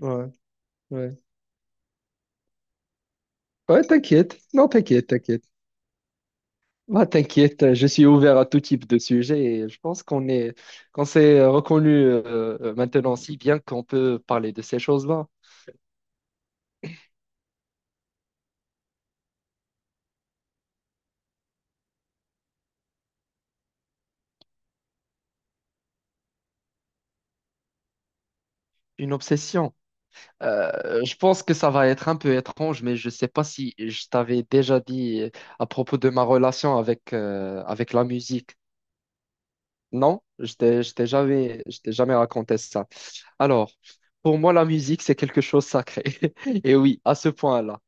Ouais, ouais. Ouais, t'inquiète. Non, t'inquiète, t'inquiète. Bah, t'inquiète, je suis ouvert à tout type de sujet et je pense qu'on s'est reconnu maintenant si bien qu'on peut parler de ces choses-là. Une obsession. Je pense que ça va être un peu étrange, mais je sais pas si je t'avais déjà dit à propos de ma relation avec, avec la musique. Non, je t'ai jamais raconté ça. Alors, pour moi, la musique, c'est quelque chose de sacré. Et oui, à ce point-là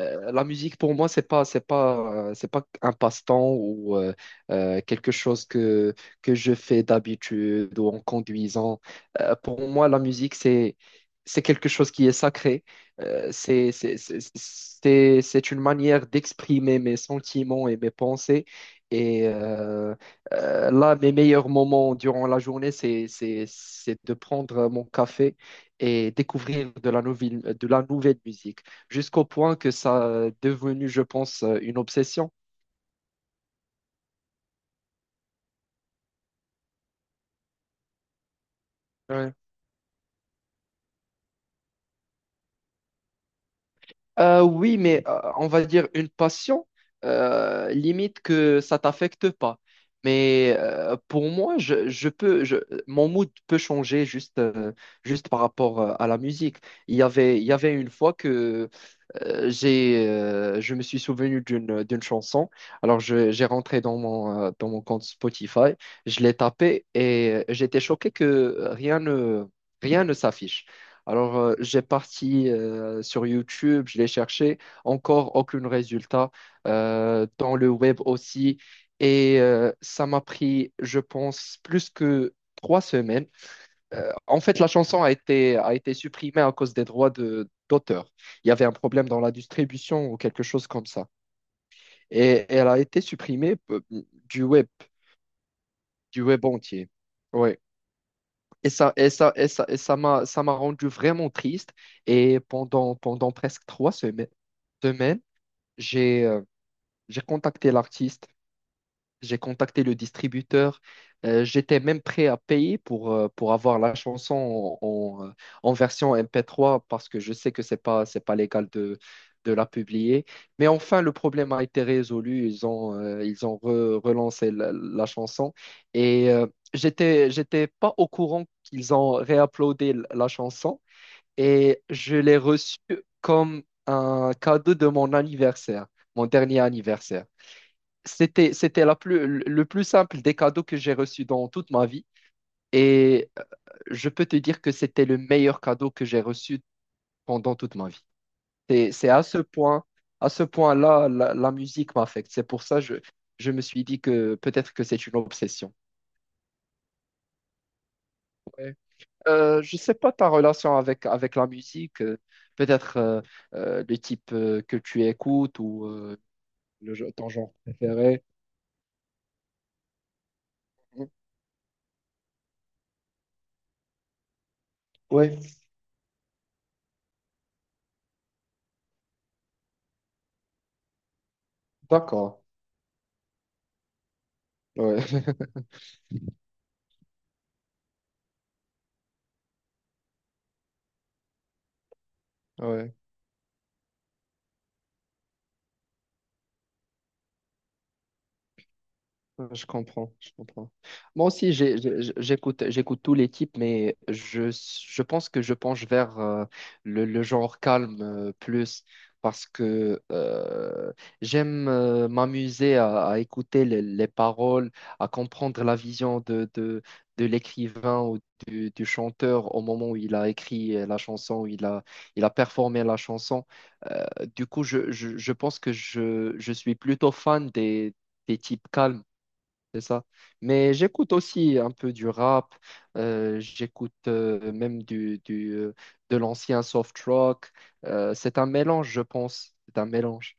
la musique pour moi c'est pas un passe-temps ou quelque chose que je fais d'habitude ou en conduisant. Pour moi la musique c'est quelque chose qui est sacré. C'est une manière d'exprimer mes sentiments et mes pensées. Et euh, Là, mes meilleurs moments durant la journée, c'est de prendre mon café et découvrir de la nouvelle musique jusqu'au point que ça est devenu, je pense, une obsession. Ouais. Oui, mais on va dire une passion, limite que ça t'affecte pas. Mais pour moi, je peux. Mon mood peut changer juste, juste par rapport à la musique. Il y avait une fois que je me suis souvenu d'une chanson. Alors, j'ai rentré dans mon compte Spotify, je l'ai tapé et j'étais choqué que rien ne s'affiche. Alors, j'ai parti sur YouTube, je l'ai cherché, encore aucun résultat. Dans le web aussi. Et ça m'a pris, je pense, plus que trois semaines en fait, la chanson a été supprimée à cause des d'auteur. Il y avait un problème dans la distribution ou quelque chose comme ça. Et elle a été supprimée du web, du web entier. Ouais. Et ça, et ça, et ça, et ça m'a, ça m'a rendu vraiment triste. Et pendant presque trois semaines, semaines, j'ai, euh, j'ai contacté l'artiste. J'ai contacté le distributeur. J'étais même prêt à payer pour avoir la chanson en, euh, en version MP3 parce que je sais que c'est pas légal de la publier. Mais enfin, le problème a été résolu. Ils ont relancé la chanson. Et j'étais pas au courant qu'ils ont réuploadé la chanson. Et je l'ai reçue comme un cadeau de mon anniversaire, mon dernier anniversaire. Le plus simple des cadeaux que j'ai reçus dans toute ma vie. Et je peux te dire que c'était le meilleur cadeau que j'ai reçu pendant toute ma vie. C'est à ce point, à ce point-là, la musique m'affecte. C'est pour ça que je me suis dit que peut-être que c'est une obsession. Ouais. Je ne sais pas ta relation avec, avec la musique, peut-être le type que tu écoutes ou le, ton genre préféré. Oui, d'accord. Ouais. Ouais. Ouais, je comprends, je comprends. Moi aussi, j'écoute, j'écoute tous les types, mais je pense que je penche vers le genre calme plus parce que j'aime m'amuser à écouter les paroles, à comprendre la vision de l'écrivain ou du chanteur au moment où il a écrit la chanson, où il a performé la chanson. Du coup, je pense que je suis plutôt fan des types calmes c'est ça. Mais j'écoute aussi un peu du rap, j'écoute même de l'ancien soft rock. C'est un mélange, je pense. C'est un mélange.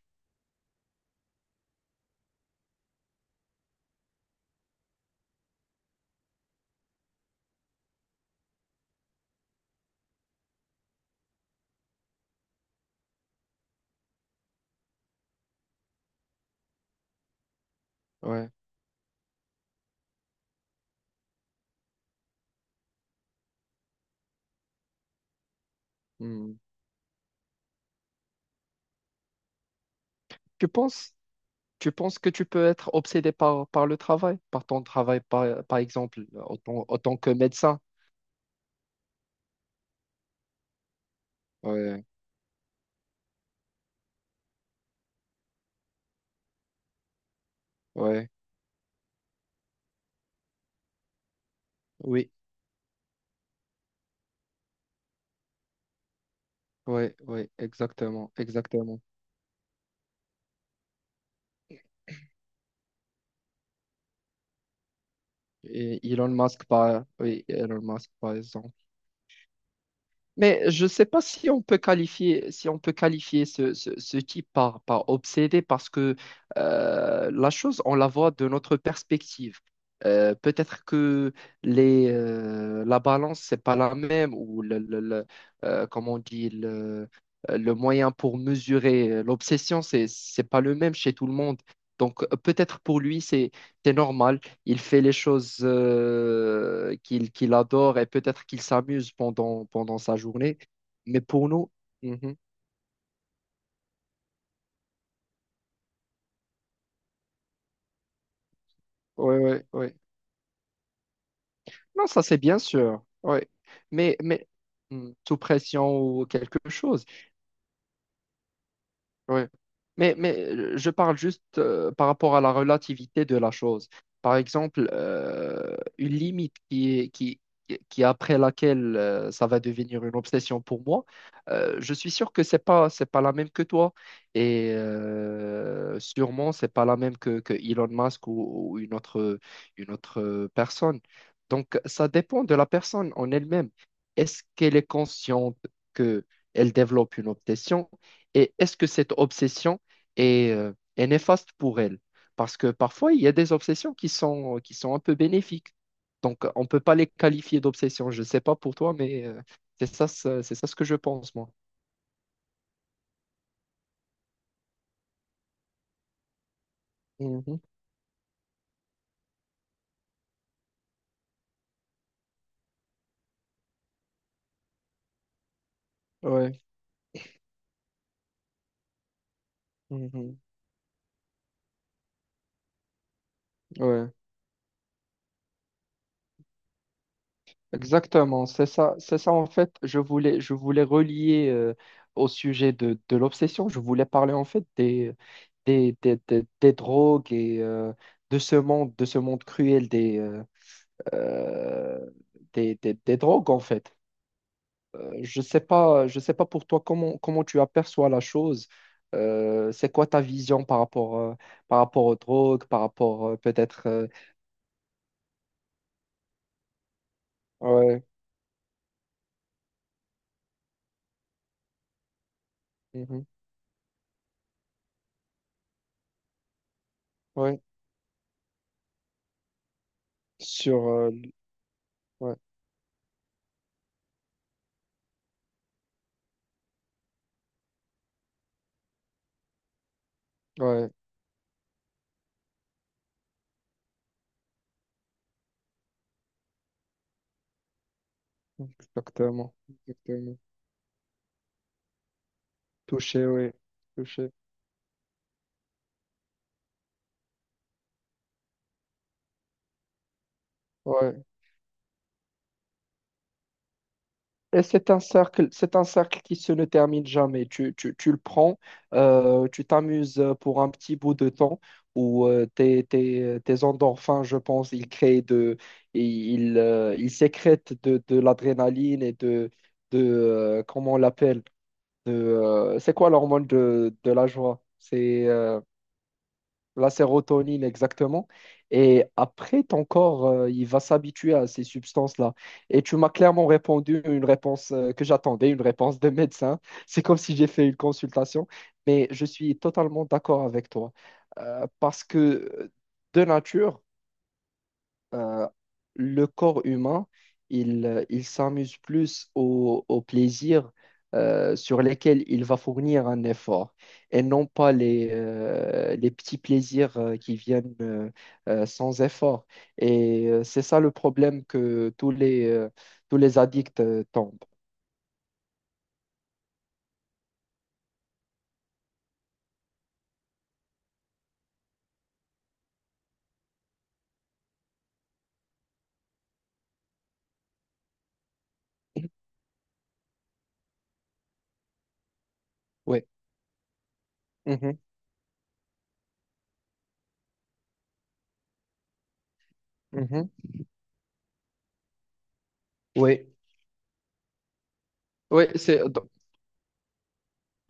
Ouais. Hmm. Tu penses, tu penses que tu peux être obsédé par, par le travail, par ton travail, par, par exemple, autant que médecin? Ouais, ouais, oui, ouais, ouais, exactement, exactement. Et oui, Elon Musk, par exemple. Mais je ne sais pas si on peut qualifier, si on peut qualifier ce, ce type par, par obsédé parce que la chose, on la voit de notre perspective. Peut-être que la balance, c'est pas la même ou comment on dit, le moyen pour mesurer l'obsession, c'est pas le même chez tout le monde. Donc peut-être pour lui, c'est normal. Il fait les choses qu'il adore et peut-être qu'il s'amuse pendant, pendant sa journée. Mais pour nous, mhm, ouais, ouais, ouais. Non, ça c'est bien sûr. Ouais. Mais hmm, sous pression ou quelque chose. Oui, mais je parle juste par rapport à la relativité de la chose. Par exemple, une limite qui après laquelle ça va devenir une obsession pour moi, je suis sûr que c'est pas la même que toi. Et sûrement, c'est pas la même que Elon Musk ou une autre personne. Donc, ça dépend de la personne en elle-même. Est-ce qu'elle est consciente que elle développe une obsession? Et est-ce que cette obsession est, est néfaste pour elle? Parce que parfois, il y a des obsessions qui sont un peu bénéfiques. Donc, on ne peut pas les qualifier d'obsessions. Je ne sais pas pour toi, mais c'est ça, c'est ça ce que je pense, moi. Mhm. Ouais, mhm. Ouais, exactement. C'est ça en fait. Je voulais relier au sujet de l'obsession. Je voulais parler en fait des drogues et de ce monde cruel euh, des drogues, en fait. Je sais pas, je sais pas pour toi comment, comment tu aperçois la chose. C'est quoi ta vision par rapport aux drogues, par rapport peut-être... ouais, mhm, ouais, sur... ouais, ouais, exactement, exactement. Touché, oui, touché. Ouais. Et c'est un cercle qui se ne termine jamais. Tu le prends, tu t'amuses pour un petit bout de temps où tes endorphins, je pense, ils créent de, et ils, ils sécrètent de l'adrénaline et de comment on l'appelle, c'est quoi l'hormone de la joie? C'est la sérotonine exactement. Et après, ton corps, il va s'habituer à ces substances-là. Et tu m'as clairement répondu une réponse que j'attendais, une réponse de médecin. C'est comme si j'ai fait une consultation, mais je suis totalement d'accord avec toi. Parce que de nature, euh, le corps humain, il s'amuse plus au plaisir sur lesquels il va fournir un effort et non pas les, les petits plaisirs qui viennent sans effort. Et c'est ça le problème que tous les addicts tombent. Oui, mhm, mhm. Oui, oui, c'est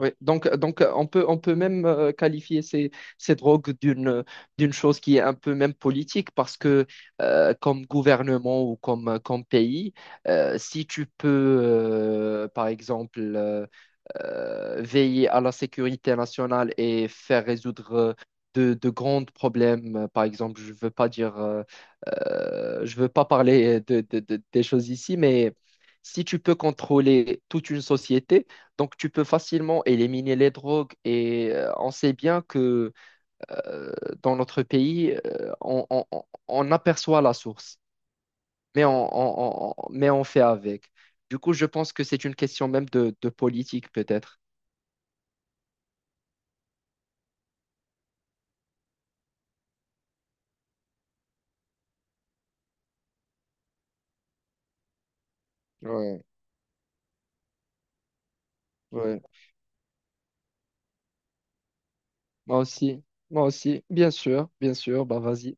oui, donc on peut même qualifier ces, ces drogues d'une, d'une chose qui est un peu même politique parce que comme gouvernement ou comme, comme pays, si tu peux, euh, par exemple, euh, veiller à la sécurité nationale et faire résoudre de grands problèmes. Par exemple, je veux pas parler des choses ici, mais si tu peux contrôler toute une société, donc tu peux facilement éliminer les drogues. Et on sait bien que euh, dans notre pays, on aperçoit la source, mais on fait avec. Du coup, je pense que c'est une question même de politique, peut-être. Ouais. Ouais, moi aussi, moi aussi, bien sûr, bah vas-y.